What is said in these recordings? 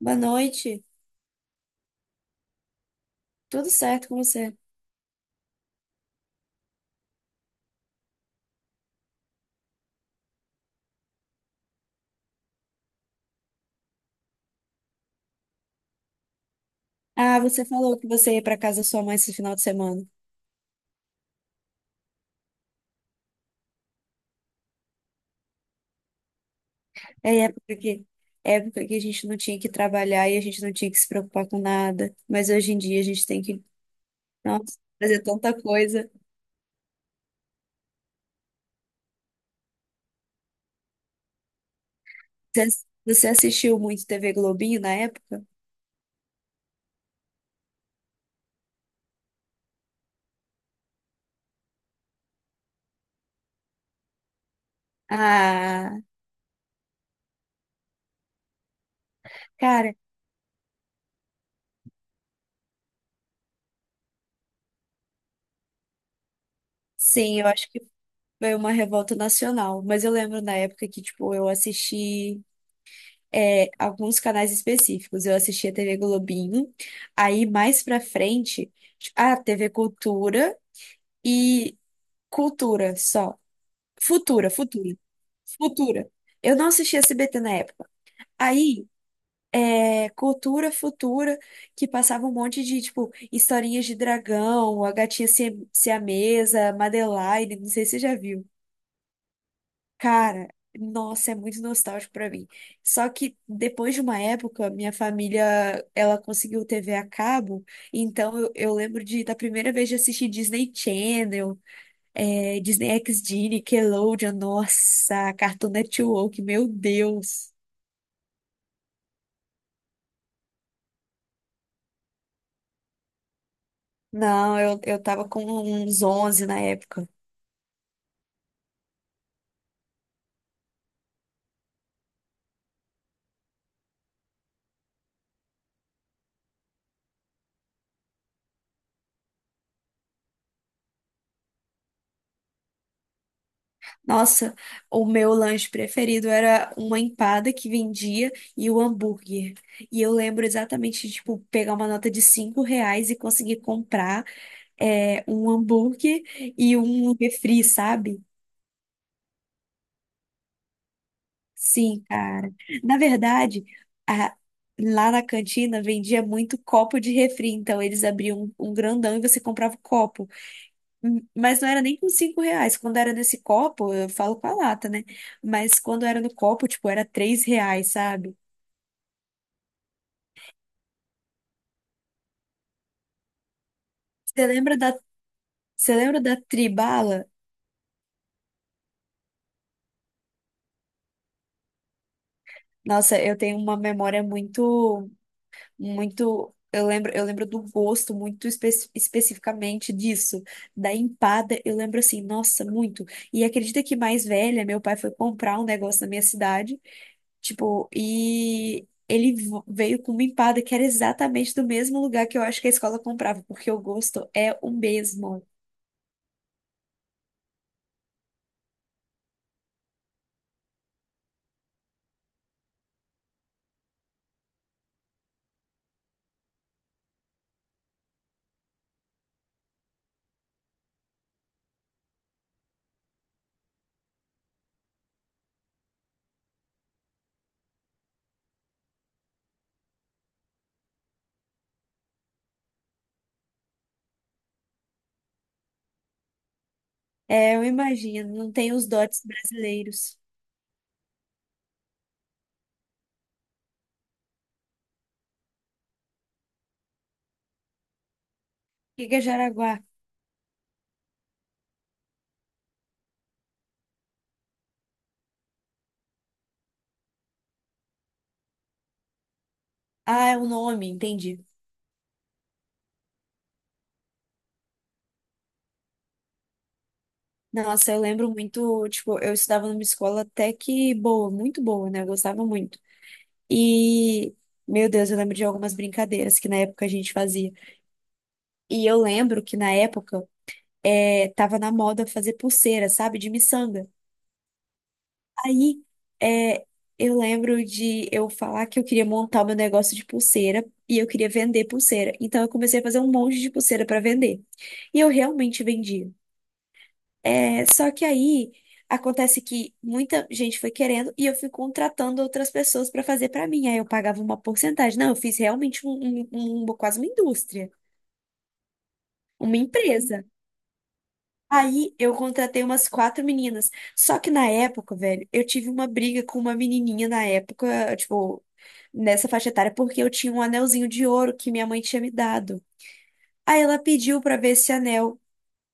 Boa noite. Tudo certo com você? Ah, você falou que você ia para casa da sua mãe esse final de semana. É época que a gente não tinha que trabalhar e a gente não tinha que se preocupar com nada. Mas hoje em dia a gente tem que, nossa, fazer tanta coisa. Você, você assistiu muito TV Globinho na época? Ah, cara, sim, eu acho que foi uma revolta nacional. Mas eu lembro na época que, tipo, eu assisti. É, alguns canais específicos. Eu assistia TV Globinho, aí mais pra frente, a TV Cultura e Cultura só. Futura, Futura, Futura. Eu não assistia SBT na época. Aí, Cultura, Futura, que passava um monte de, tipo, historinhas de dragão, a gatinha siamesa, Madeline, não sei se você já viu. Cara, nossa, é muito nostálgico pra mim. Só que depois de uma época, minha família, ela conseguiu TV a cabo, então eu lembro da primeira vez de assistir Disney Channel, Disney XD, Nickelodeon, nossa, Cartoon Network, meu Deus. Não, eu tava com uns 11 na época. Nossa, o meu lanche preferido era uma empada que vendia e o hambúrguer. E eu lembro exatamente de, tipo, pegar uma nota de 5 reais e conseguir comprar um hambúrguer e um refri, sabe? Sim, cara. Na verdade, a- lá na cantina vendia muito copo de refri, então eles abriam um grandão e você comprava o copo. Hum. Mas não era nem com 5 reais. Quando era nesse copo, eu falo com a lata, né? Mas quando era no copo, tipo, era 3 reais, sabe? Você lembra da, Você lembra da Tribala? Nossa, eu tenho uma memória muito, muito. Eu lembro do gosto muito especificamente disso, da empada. Eu lembro assim, nossa, muito. E acredita que mais velha, meu pai foi comprar um negócio na minha cidade. Tipo, e ele veio com uma empada que era exatamente do mesmo lugar que eu acho que a escola comprava, porque o gosto é o mesmo. É, eu imagino, não tem os dotes brasileiros. O que que é Jaraguá? Ah, é o nome, entendi. Nossa, eu lembro muito, tipo, eu estudava numa escola até que boa, muito boa, né? Eu gostava muito. E, meu Deus, eu lembro de algumas brincadeiras que na época a gente fazia. E eu lembro que na época, tava na moda fazer pulseira, sabe? De miçanga. Aí, é, eu lembro de eu falar que eu queria montar o meu negócio de pulseira e eu queria vender pulseira. Então, eu comecei a fazer um monte de pulseira para vender. E eu realmente vendia. Só que aí acontece que muita gente foi querendo e eu fui contratando outras pessoas para fazer para mim. Aí eu pagava uma porcentagem. Não, eu fiz realmente quase uma indústria, uma empresa. Aí eu contratei umas quatro meninas. Só que na época, velho, eu tive uma briga com uma menininha na época, tipo, nessa faixa etária, porque eu tinha um anelzinho de ouro que minha mãe tinha me dado. Aí ela pediu pra ver esse anel.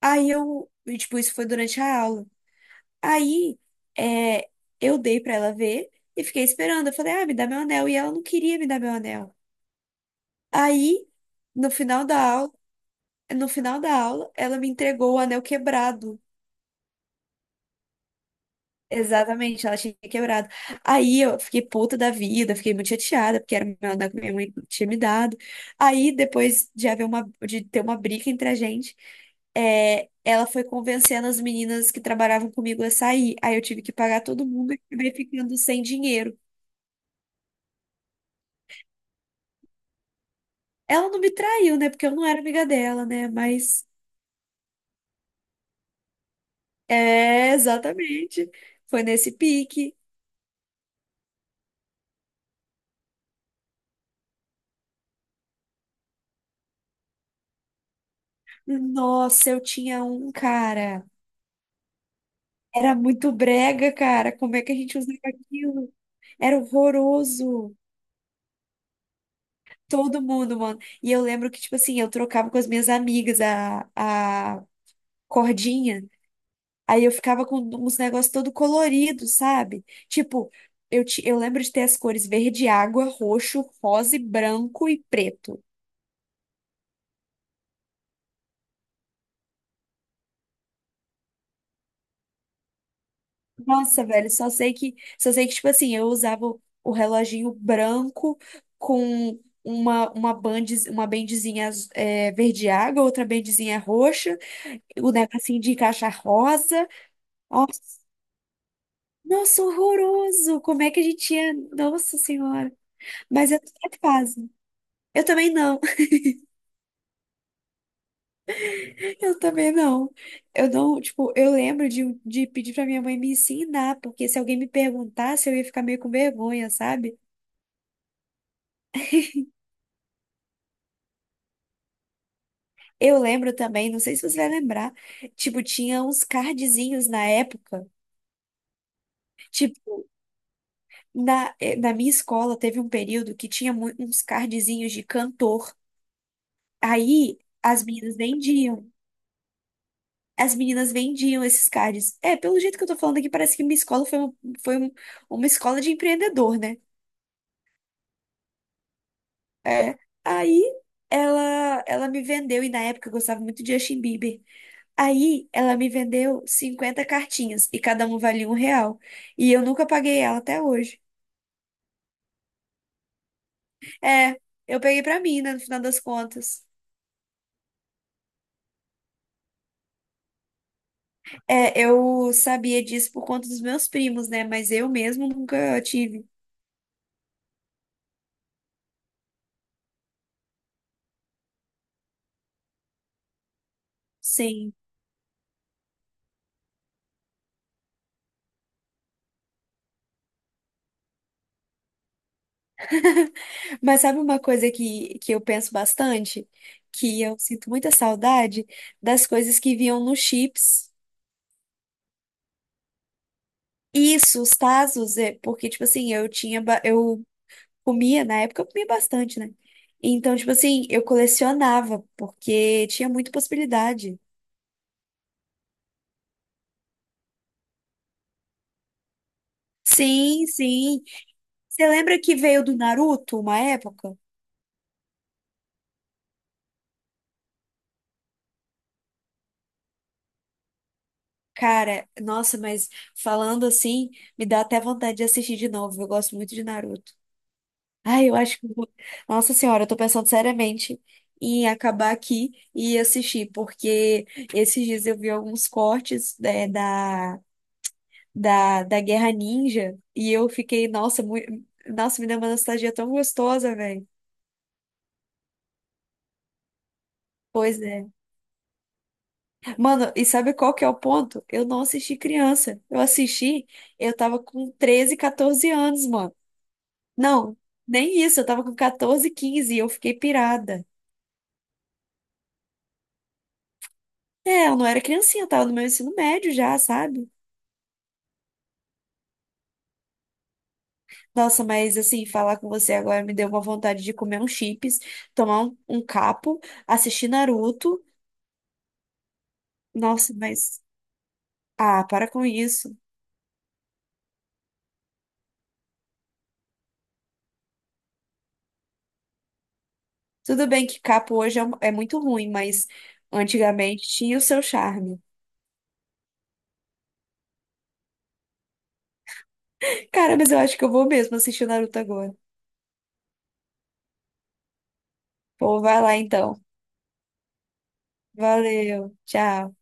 Aí tipo, isso foi durante a aula. Aí, é, eu dei pra ela ver e fiquei esperando. Eu falei, ah, me dá meu anel. E ela não queria me dar meu anel. Aí, no final da aula, no final da aula, ela me entregou o anel quebrado. Exatamente, ela tinha quebrado. Aí eu fiquei puta da vida, fiquei muito chateada, porque era o meu andar que minha mãe tinha me dado. Aí, depois de de ter uma briga entre a gente, ela foi convencendo as meninas que trabalhavam comigo a sair. Aí eu tive que pagar todo mundo e acabei ficando sem dinheiro. Ela não me traiu, né? Porque eu não era amiga dela, né? Mas é, exatamente. Foi nesse pique. Nossa, eu tinha um cara. Era muito brega, cara. Como é que a gente usava aquilo? Era horroroso. Todo mundo, mano. E eu lembro que, tipo assim, eu trocava com as minhas amigas a cordinha. Aí eu ficava com uns negócios todo colorido, sabe? Tipo, eu lembro de ter as cores verde água, roxo, rosa e branco e preto. Nossa, velho, só sei que, tipo assim, eu usava o reloginho branco com uma bendezinha verde água, outra bendezinha roxa, o negocinho de caixa rosa. Nossa, nossa, horroroso! Como é que a gente tinha? Nossa Senhora! Mas eu tô fase. Eu também não, eu também não. Eu não, tipo, eu lembro de pedir pra minha mãe me ensinar, porque se alguém me perguntasse, eu ia ficar meio com vergonha, sabe? Eu lembro também, não sei se você vai lembrar, tipo, tinha uns cardzinhos na época. Tipo, na minha escola teve um período que tinha uns cardzinhos de cantor. Aí as meninas vendiam. As meninas vendiam esses cards. Pelo jeito que eu tô falando aqui, parece que minha escola foi foi um- uma escola de empreendedor, né? É. Aí ela me vendeu, e na época eu gostava muito de Justin Bieber. Aí ela me vendeu 50 cartinhas e cada uma valia 1 real. E eu nunca paguei ela até hoje. É, eu peguei pra mim, né, no final das contas. É, eu sabia disso por conta dos meus primos, né? Mas eu mesmo nunca tive. Sim. Mas sabe uma coisa que eu penso bastante? Que eu sinto muita saudade das coisas que vinham nos chips. Isso, os Tazos, porque, tipo assim, eu comia, na época eu comia bastante, né? Então, tipo assim, eu colecionava, porque tinha muita possibilidade. Sim, sim. Você lembra que veio do Naruto uma época? Cara, nossa, mas falando assim, me dá até vontade de assistir de novo. Eu gosto muito de Naruto. Ai, eu acho que. Nossa Senhora, eu tô pensando seriamente em acabar aqui e assistir, porque esses dias eu vi alguns cortes, né, da Guerra Ninja e eu fiquei, nossa, me deu uma nostalgia tão gostosa, velho. Pois é. Mano, e sabe qual que é o ponto? Eu não assisti criança. Eu tava com 13 14 anos, mano. Não, nem isso, eu tava com 14, 15 e eu fiquei pirada. É, eu não era criancinha, eu tava no meu ensino médio já, sabe? Nossa, mas assim, falar com você agora me deu uma vontade de comer um chips, tomar um capo, assistir Naruto. Nossa, mas. Ah, para com isso. Tudo bem que capo hoje é muito ruim, mas antigamente tinha o seu charme. Cara, mas eu acho que eu vou mesmo assistir o Naruto agora. Pô, vai lá então. Valeu, tchau.